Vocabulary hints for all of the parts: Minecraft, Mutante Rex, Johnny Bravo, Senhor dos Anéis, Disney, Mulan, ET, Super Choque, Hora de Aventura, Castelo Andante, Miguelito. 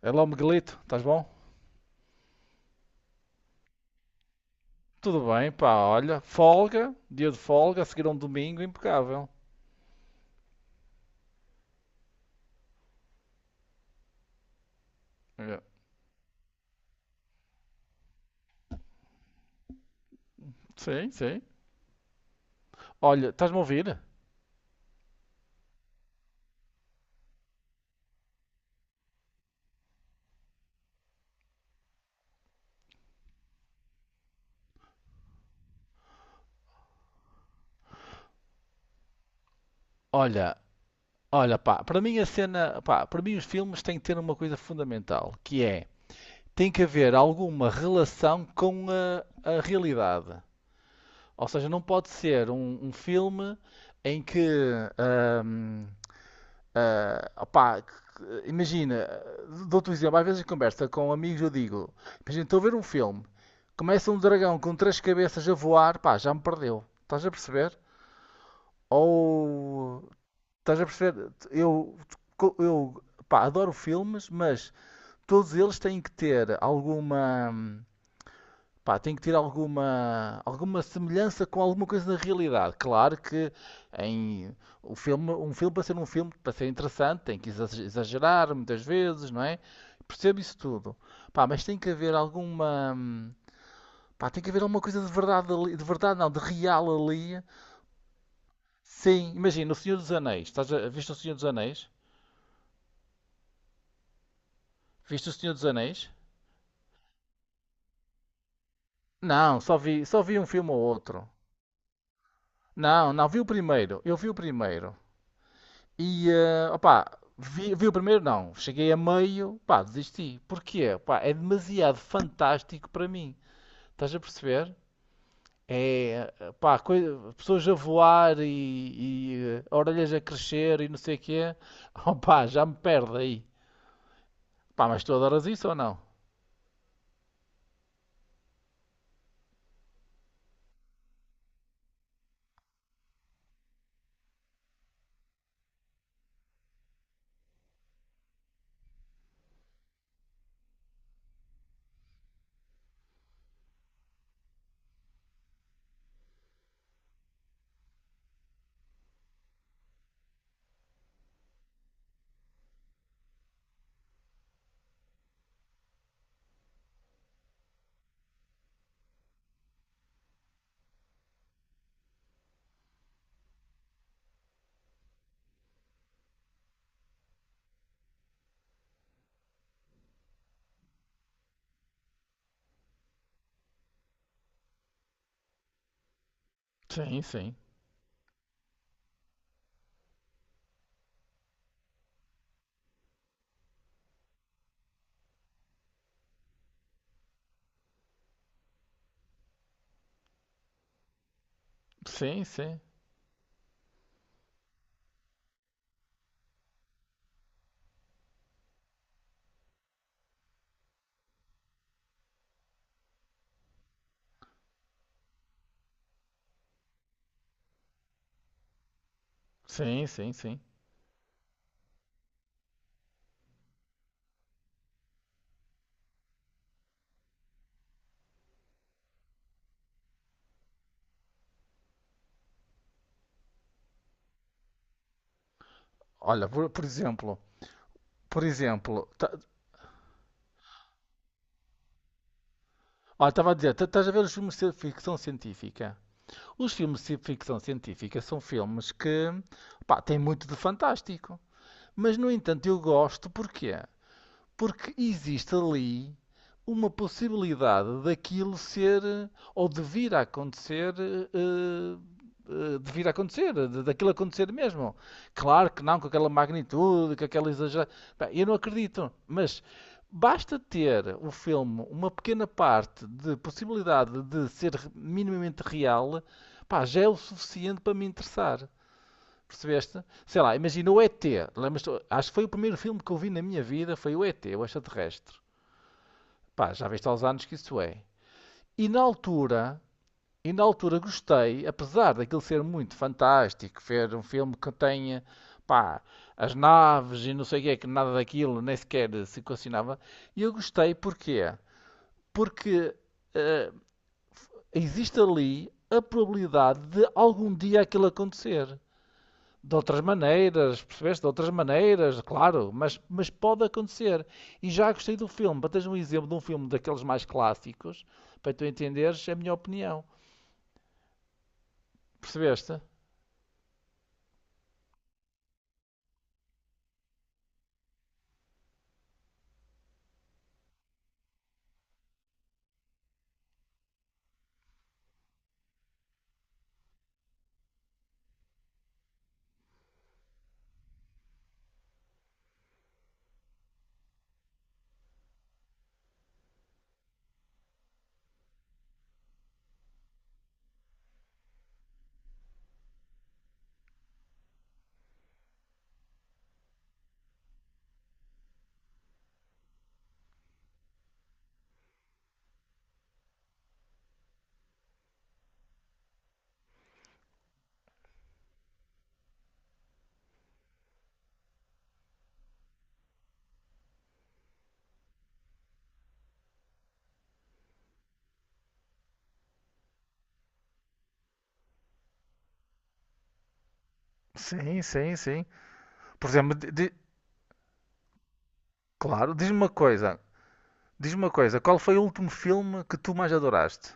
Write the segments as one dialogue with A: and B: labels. A: É lá o Miguelito, estás bom? Tudo bem, pá, olha, folga, dia de folga, a seguir a um domingo impecável. Eu, Sim, sim. Olha, estás-me a ouvir? Olha, olha, pá, para mim a cena, pá, para mim os filmes têm que ter uma coisa fundamental, que é, tem que haver alguma relação com a realidade. Ou seja, não pode ser um filme em que, hum, Ah, opá, imagina, dou-te um exemplo, às vezes em conversa com amigos eu digo, imagina, estou a ver um filme, começa um dragão com três cabeças a voar, pá, já me perdeu, estás a perceber? Ou, Estás a perceber, eu, pá, adoro filmes, mas todos eles têm que ter alguma. Pá, tem que ter alguma semelhança com alguma coisa da realidade. Claro que em o filme, um filme para ser um filme, para ser interessante, tem que exagerar muitas vezes, não é? Percebo isso tudo. Pá, mas tem que haver pá, tem que haver alguma coisa de verdade ali, de verdade não, de real ali. Sim, imagina, o Senhor dos Anéis. Viste o Senhor dos Anéis? Viste o Senhor dos Anéis? Não, só vi um filme ou outro. Não, não, vi o primeiro. Eu vi o primeiro. E, opá, vi o primeiro, não. Cheguei a meio, pá, desisti. Porquê? Pá, é demasiado fantástico para mim. Estás a perceber? É, pá, pessoas a voar e, orelhas a crescer e não sei o quê. Opá, já me perde aí. Pá, mas tu adoras isso ou não? Sim, sim. Sim, sim. Sim, sim, sim. Olha, por exemplo, tá, olha, estava a dizer, estás a ver os filmes de ficção científica? Os filmes de ficção científica são filmes que pá, têm muito de fantástico. Mas, no entanto, eu gosto porquê? Porque existe ali uma possibilidade daquilo ser ou de vir a acontecer, de vir a acontecer, daquilo acontecer mesmo. Claro que não com aquela magnitude, com aquela exagerada. Eu não acredito, mas basta ter o filme uma pequena parte de possibilidade de ser minimamente real, pá, já é o suficiente para me interessar. Percebeste? Sei lá, imagina o ET. Lembras-te? Acho que foi o primeiro filme que eu vi na minha vida, foi o ET, o extraterrestre. Pá, já viste há uns anos que isso é. E na altura, e na altura gostei, apesar daquilo ser muito fantástico, ver um filme que tenha, pá, as naves e não sei o que é, que nada daquilo nem sequer se equacionava. E eu gostei porquê? Porque eh, existe ali a probabilidade de algum dia aquilo acontecer. De outras maneiras, percebeste? De outras maneiras, claro, mas, pode acontecer. E já gostei do filme. Para teres um exemplo de um filme daqueles mais clássicos, para tu entenderes é a minha opinião. Percebeste? Sim, sim, sim. Por exemplo, claro, diz-me uma coisa. Diz-me uma coisa, qual foi o último filme que tu mais adoraste?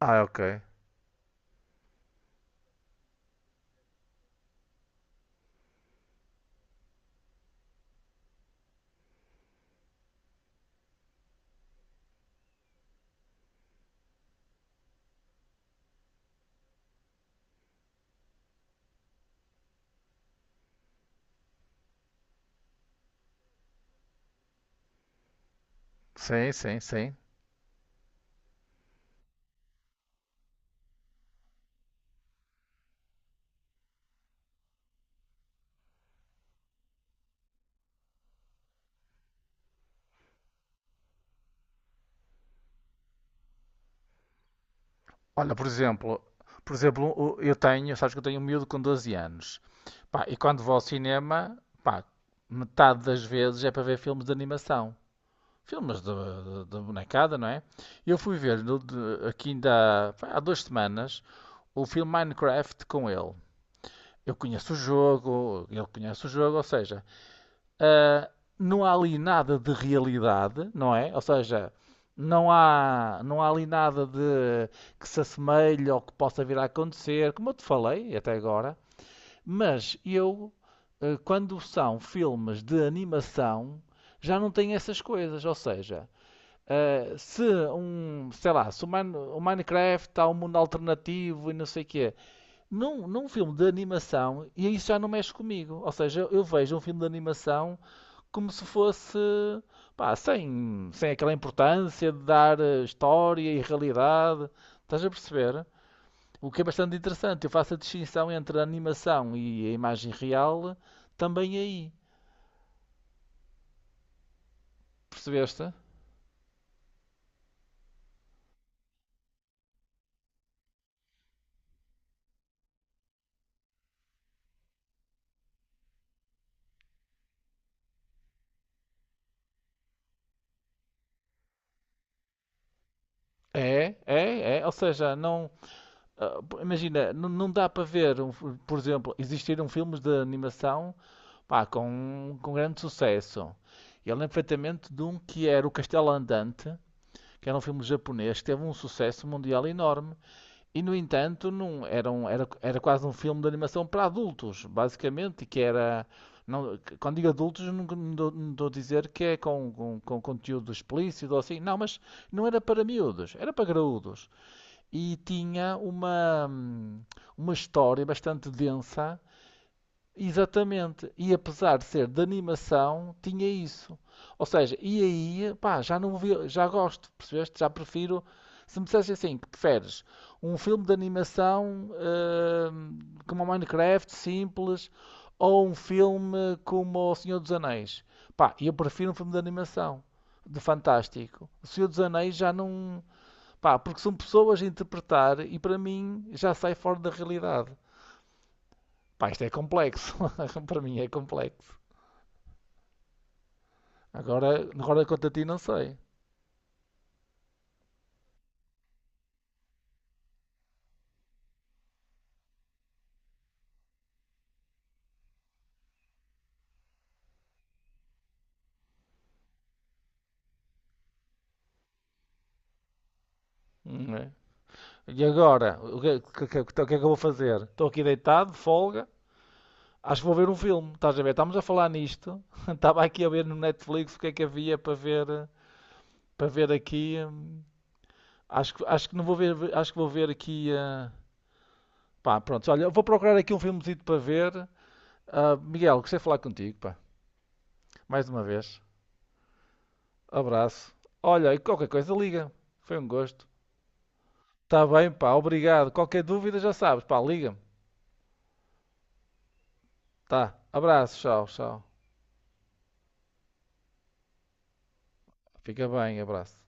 A: Ah, ok. Sim, sim, sim. Olha, por exemplo, sabes que eu tenho um miúdo com 12 anos. Pá, e quando vou ao cinema, pá, metade das vezes é para ver filmes de animação. Filmes de bonecada, não é? Eu fui ver no, de- aqui ainda pá, há duas semanas o filme Minecraft com ele. Eu conheço o jogo, ele conhece o jogo, ou seja, ah, não há ali nada de realidade, não é? Ou seja, não há ali nada de que se assemelhe ou que possa vir a acontecer, como eu te falei até agora. Mas quando são filmes de animação, já não tenho essas coisas. Ou seja, se um, sei lá, se o, Mine- o Minecraft há um mundo alternativo e não sei o quê, num filme de animação, e isso já não mexe comigo. Ou seja, eu vejo um filme de animação como se fosse, pá, sem aquela importância de dar história e realidade. Estás a perceber? O que é bastante interessante. Eu faço a distinção entre a animação e a imagem real também aí. Percebeste? É, é, é. Ou seja, não. Imagina, não, não dá para ver, por exemplo, existiram filmes de animação pá, com grande sucesso. Eu lembro perfeitamente de um que era O Castelo Andante, que era um filme japonês que teve um sucesso mundial enorme e no entanto não era, era quase um filme de animação para adultos basicamente e que era não, quando digo adultos não estou a dizer que é com, com conteúdo explícito ou assim não, mas não era para miúdos, era para graúdos e tinha uma história bastante densa. Exatamente. E apesar de ser de animação, tinha isso. Ou seja, ia, pá, já não vi, já gosto, percebeste? Já prefiro. Se me dissesse assim, que preferes um filme de animação hum, como o Minecraft, simples, ou um filme como O Senhor dos Anéis? Pá, eu prefiro um filme de animação, de fantástico. O Senhor dos Anéis já não. Pá, porque são pessoas a interpretar e para mim já sai fora da realidade. Pá, isto é complexo. Para mim é complexo. Agora, quanto a ti, não sei. Não é? E agora? O que- é que eu vou fazer? Estou aqui deitado, de folga. Acho que vou ver um filme. Estás a ver? Estamos a falar nisto. Estava aqui a ver no Netflix o que é que havia para ver, para ver aqui. Acho que não vou ver, acho que vou ver aqui. Pá, pronto. Olha, vou procurar aqui um filmezito para ver. Ah, Miguel, gostei de falar contigo, pá. Mais uma vez. Abraço. Olha, e qualquer coisa liga. Foi um gosto. Está bem, pá, obrigado. Qualquer dúvida já sabes, pá, liga-me. Tá, abraço, tchau, tchau. Fica bem, abraço.